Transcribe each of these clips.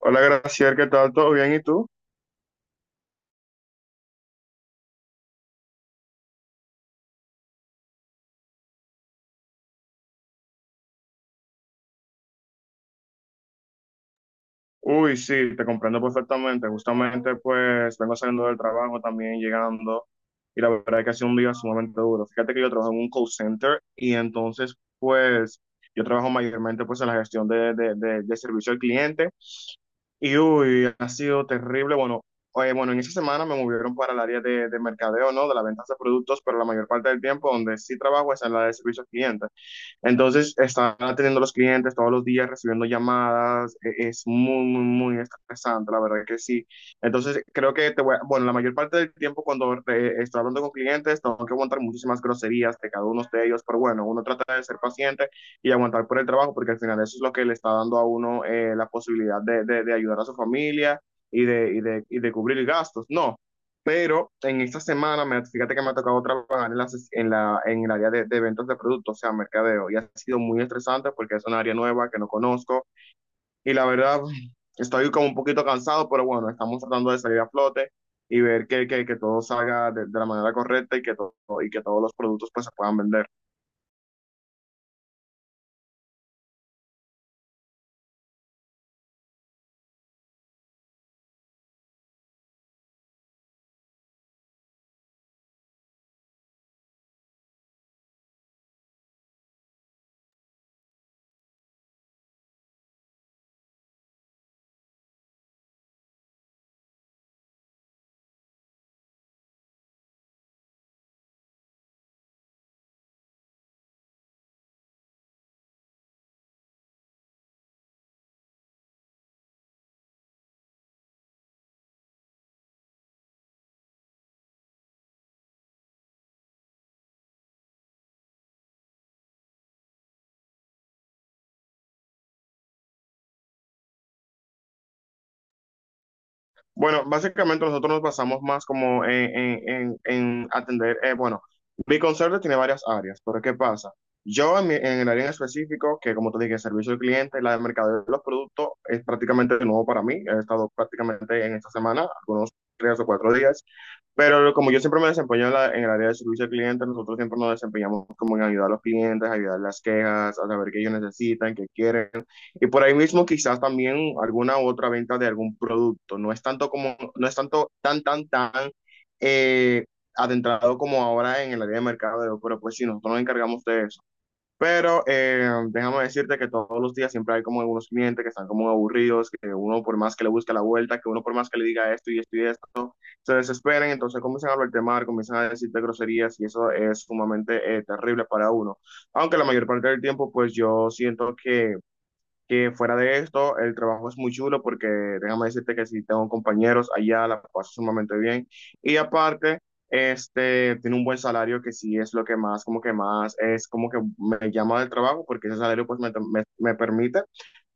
Hola, Graciela, ¿qué tal? ¿Todo bien? ¿Y tú? Uy, sí, te comprendo perfectamente. Justamente, pues, vengo saliendo del trabajo también, llegando, y la verdad es que ha sido un día sumamente duro. Fíjate que yo trabajo en un call center y entonces, pues, yo trabajo mayormente, pues, en la gestión de servicio al cliente y, uy, ha sido terrible. Bueno, oye, bueno, en esa semana me movieron para el área de mercadeo, ¿no? De la venta de productos, pero la mayor parte del tiempo donde sí trabajo es en la de servicio al cliente. Entonces, están atendiendo a los clientes todos los días, recibiendo llamadas, es muy, muy, muy estresante, la verdad que sí. Entonces, creo que bueno, la mayor parte del tiempo cuando estoy hablando con clientes, tengo que aguantar muchísimas groserías de cada uno de ellos, pero bueno, uno trata de ser paciente y aguantar por el trabajo, porque al final eso es lo que le está dando a uno la posibilidad de ayudar a su familia y de cubrir gastos. No. Pero en esta semana, fíjate que me ha tocado trabajar en, en el área de ventas de productos, o sea, mercadeo, y ha sido muy estresante porque es un área nueva que no conozco y la verdad estoy como un poquito cansado, pero bueno, estamos tratando de salir a flote y ver que todo salga de la manera correcta y que todos los productos pues se puedan vender. Bueno, básicamente nosotros nos basamos más como en atender, bueno, mi conserje tiene varias áreas, pero ¿qué pasa? En el área en específico, que como te dije, servicio al cliente, la de mercadeo de los productos, es prácticamente nuevo para mí. He estado prácticamente en esta semana, algunos tres o cuatro días, pero como yo siempre me desempeño en el área de servicio al cliente, nosotros siempre nos desempeñamos como en ayudar a los clientes, ayudar las quejas, a saber qué ellos necesitan, qué quieren. Y por ahí mismo quizás también alguna otra venta de algún producto. No es tanto como, no es tanto tan eh, adentrado como ahora en el área de mercadeo, pero pues sí, nosotros nos encargamos de eso. Pero déjame decirte que todos los días siempre hay como algunos clientes que están como aburridos, que uno por más que le busque la vuelta, que uno por más que le diga esto y esto y esto se desesperan, entonces comienzan a hablarte mal, comienzan a decirte groserías y eso es sumamente terrible para uno. Aunque la mayor parte del tiempo, pues yo siento que fuera de esto, el trabajo es muy chulo porque déjame decirte que si tengo compañeros allá, la paso sumamente bien. Y aparte, este, tiene un buen salario que sí es lo que más, como que más, es como que me llama del trabajo porque ese salario pues me permite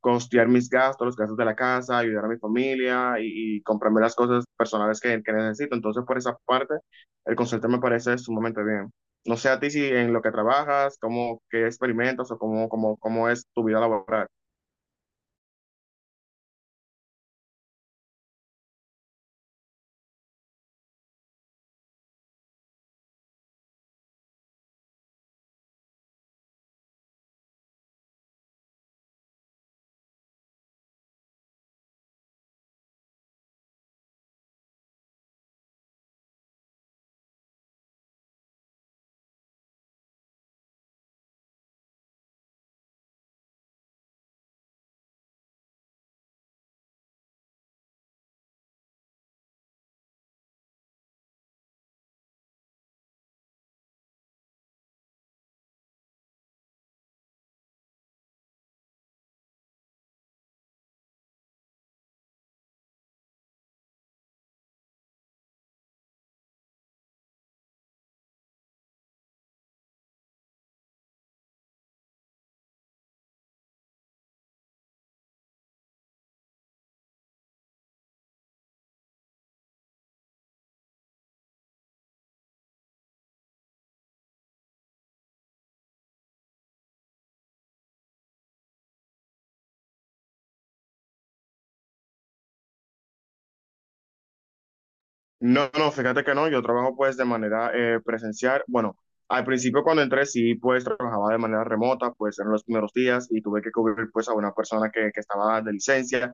costear mis gastos, los gastos de la casa, ayudar a mi familia y comprarme las cosas personales que necesito. Entonces, por esa parte, el concepto me parece sumamente bien. No sé a ti si en lo que trabajas, cómo, qué experimentas o cómo es tu vida laboral. No, no, fíjate que no, yo trabajo pues de manera presencial. Bueno, al principio cuando entré sí pues trabajaba de manera remota, pues en los primeros días y tuve que cubrir pues a una persona que estaba de licencia,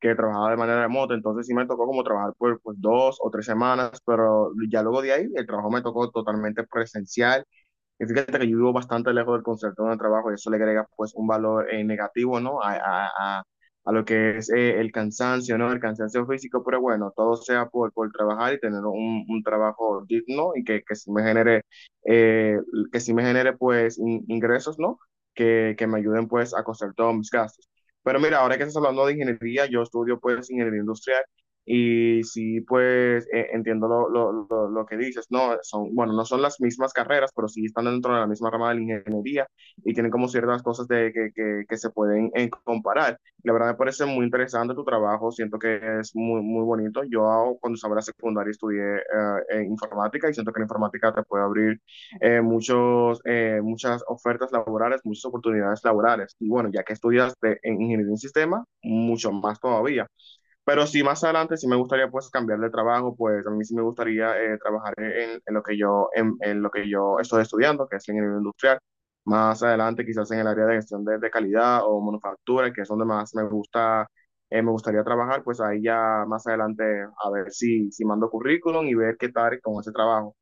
que trabajaba de manera remota, entonces sí me tocó como trabajar por pues dos o tres semanas, pero ya luego de ahí el trabajo me tocó totalmente presencial y fíjate que yo vivo bastante lejos del concepto de trabajo y eso le agrega pues un valor negativo, ¿no? A, a lo que es el cansancio, ¿no? El cansancio físico, pero bueno, todo sea por trabajar y tener un trabajo digno y que sí me genere, eh, que sí me genere pues ingresos, ¿no? Que me ayuden pues a costear todos mis gastos. Pero mira, ahora que estás hablando de ingeniería, yo estudio pues ingeniería industrial y sí pues entiendo que dices, ¿no? Son, bueno, no son las mismas carreras, pero sí están dentro de la misma rama de la ingeniería y tienen como ciertas cosas que se pueden comparar. La verdad me parece muy interesante tu trabajo, siento que es muy, muy bonito. Yo cuando estaba en la secundaria estudié informática y siento que la informática te puede abrir muchas ofertas laborales, muchas oportunidades laborales. Y bueno, ya que estudias en ingeniería en sistema, mucho más todavía. Pero sí, más adelante sí me gustaría pues cambiar de trabajo, pues a mí sí me gustaría trabajar en lo que yo, en lo que yo estoy estudiando, que es ingeniería industrial. Más adelante quizás en el área de gestión de calidad o manufactura, que es donde más me gusta, me gustaría trabajar, pues ahí ya más adelante a ver si, si mando currículum y ver qué tal con ese trabajo.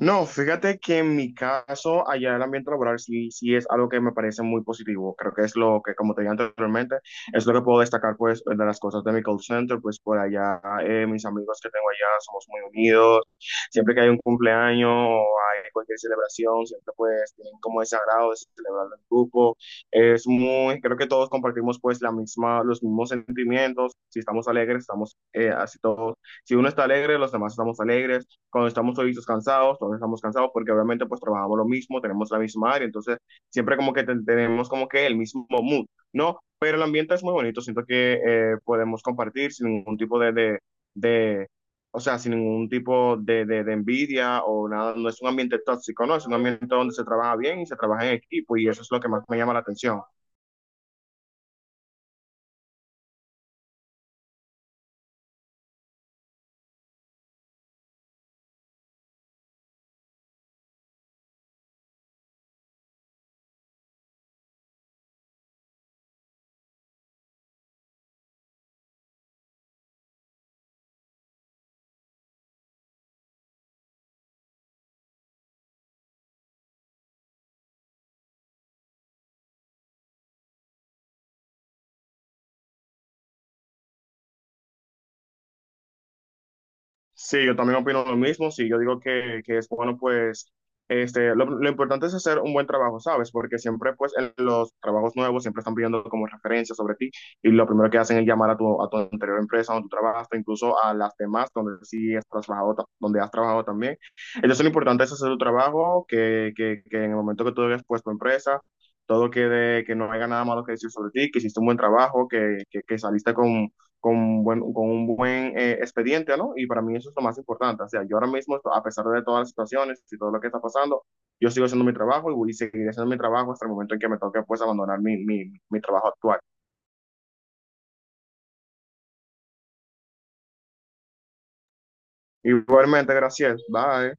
No, fíjate que en mi caso, allá el ambiente laboral sí, sí es algo que me parece muy positivo. Creo que es lo que, como te dije anteriormente, es lo que puedo destacar, pues, de las cosas de mi call center, pues, por allá, mis amigos que tengo allá somos muy unidos. Siempre que hay un cumpleaños o hay cualquier celebración, siempre, pues, tienen como ese agrado de celebrarlo en grupo. Es muy, creo que todos compartimos, pues, la misma, los mismos sentimientos. Si estamos alegres, estamos así todos. Si uno está alegre, los demás estamos alegres cuando estamos solitos cansados, todos estamos cansados, porque obviamente pues trabajamos lo mismo, tenemos la misma área, entonces siempre como que tenemos como que el mismo mood, ¿no? Pero el ambiente es muy bonito, siento que podemos compartir sin ningún tipo de, o sea, sin ningún tipo de envidia o nada, no es un ambiente tóxico, ¿no? Es un ambiente donde se trabaja bien y se trabaja en equipo y eso es lo que más me llama la atención. Sí, yo también opino lo mismo. Sí, yo digo que es bueno, pues, este, lo importante es hacer un buen trabajo, ¿sabes? Porque siempre, pues, en los trabajos nuevos siempre están pidiendo como referencias sobre ti y lo primero que hacen es llamar a tu anterior empresa donde tú trabajaste, incluso a las demás donde sí has trabajado, donde has trabajado también. Entonces, lo importante es hacer tu trabajo, que en el momento que tú hayas puesto empresa, todo quede, que no haya nada malo que decir sobre ti, que hiciste un buen trabajo, que saliste con un buen expediente, ¿no? Y para mí eso es lo más importante. O sea, yo ahora mismo, a pesar de todas las situaciones y todo lo que está pasando, yo sigo haciendo mi trabajo y voy a seguir haciendo mi trabajo hasta el momento en que me toque pues abandonar mi trabajo actual. Igualmente, gracias. Bye.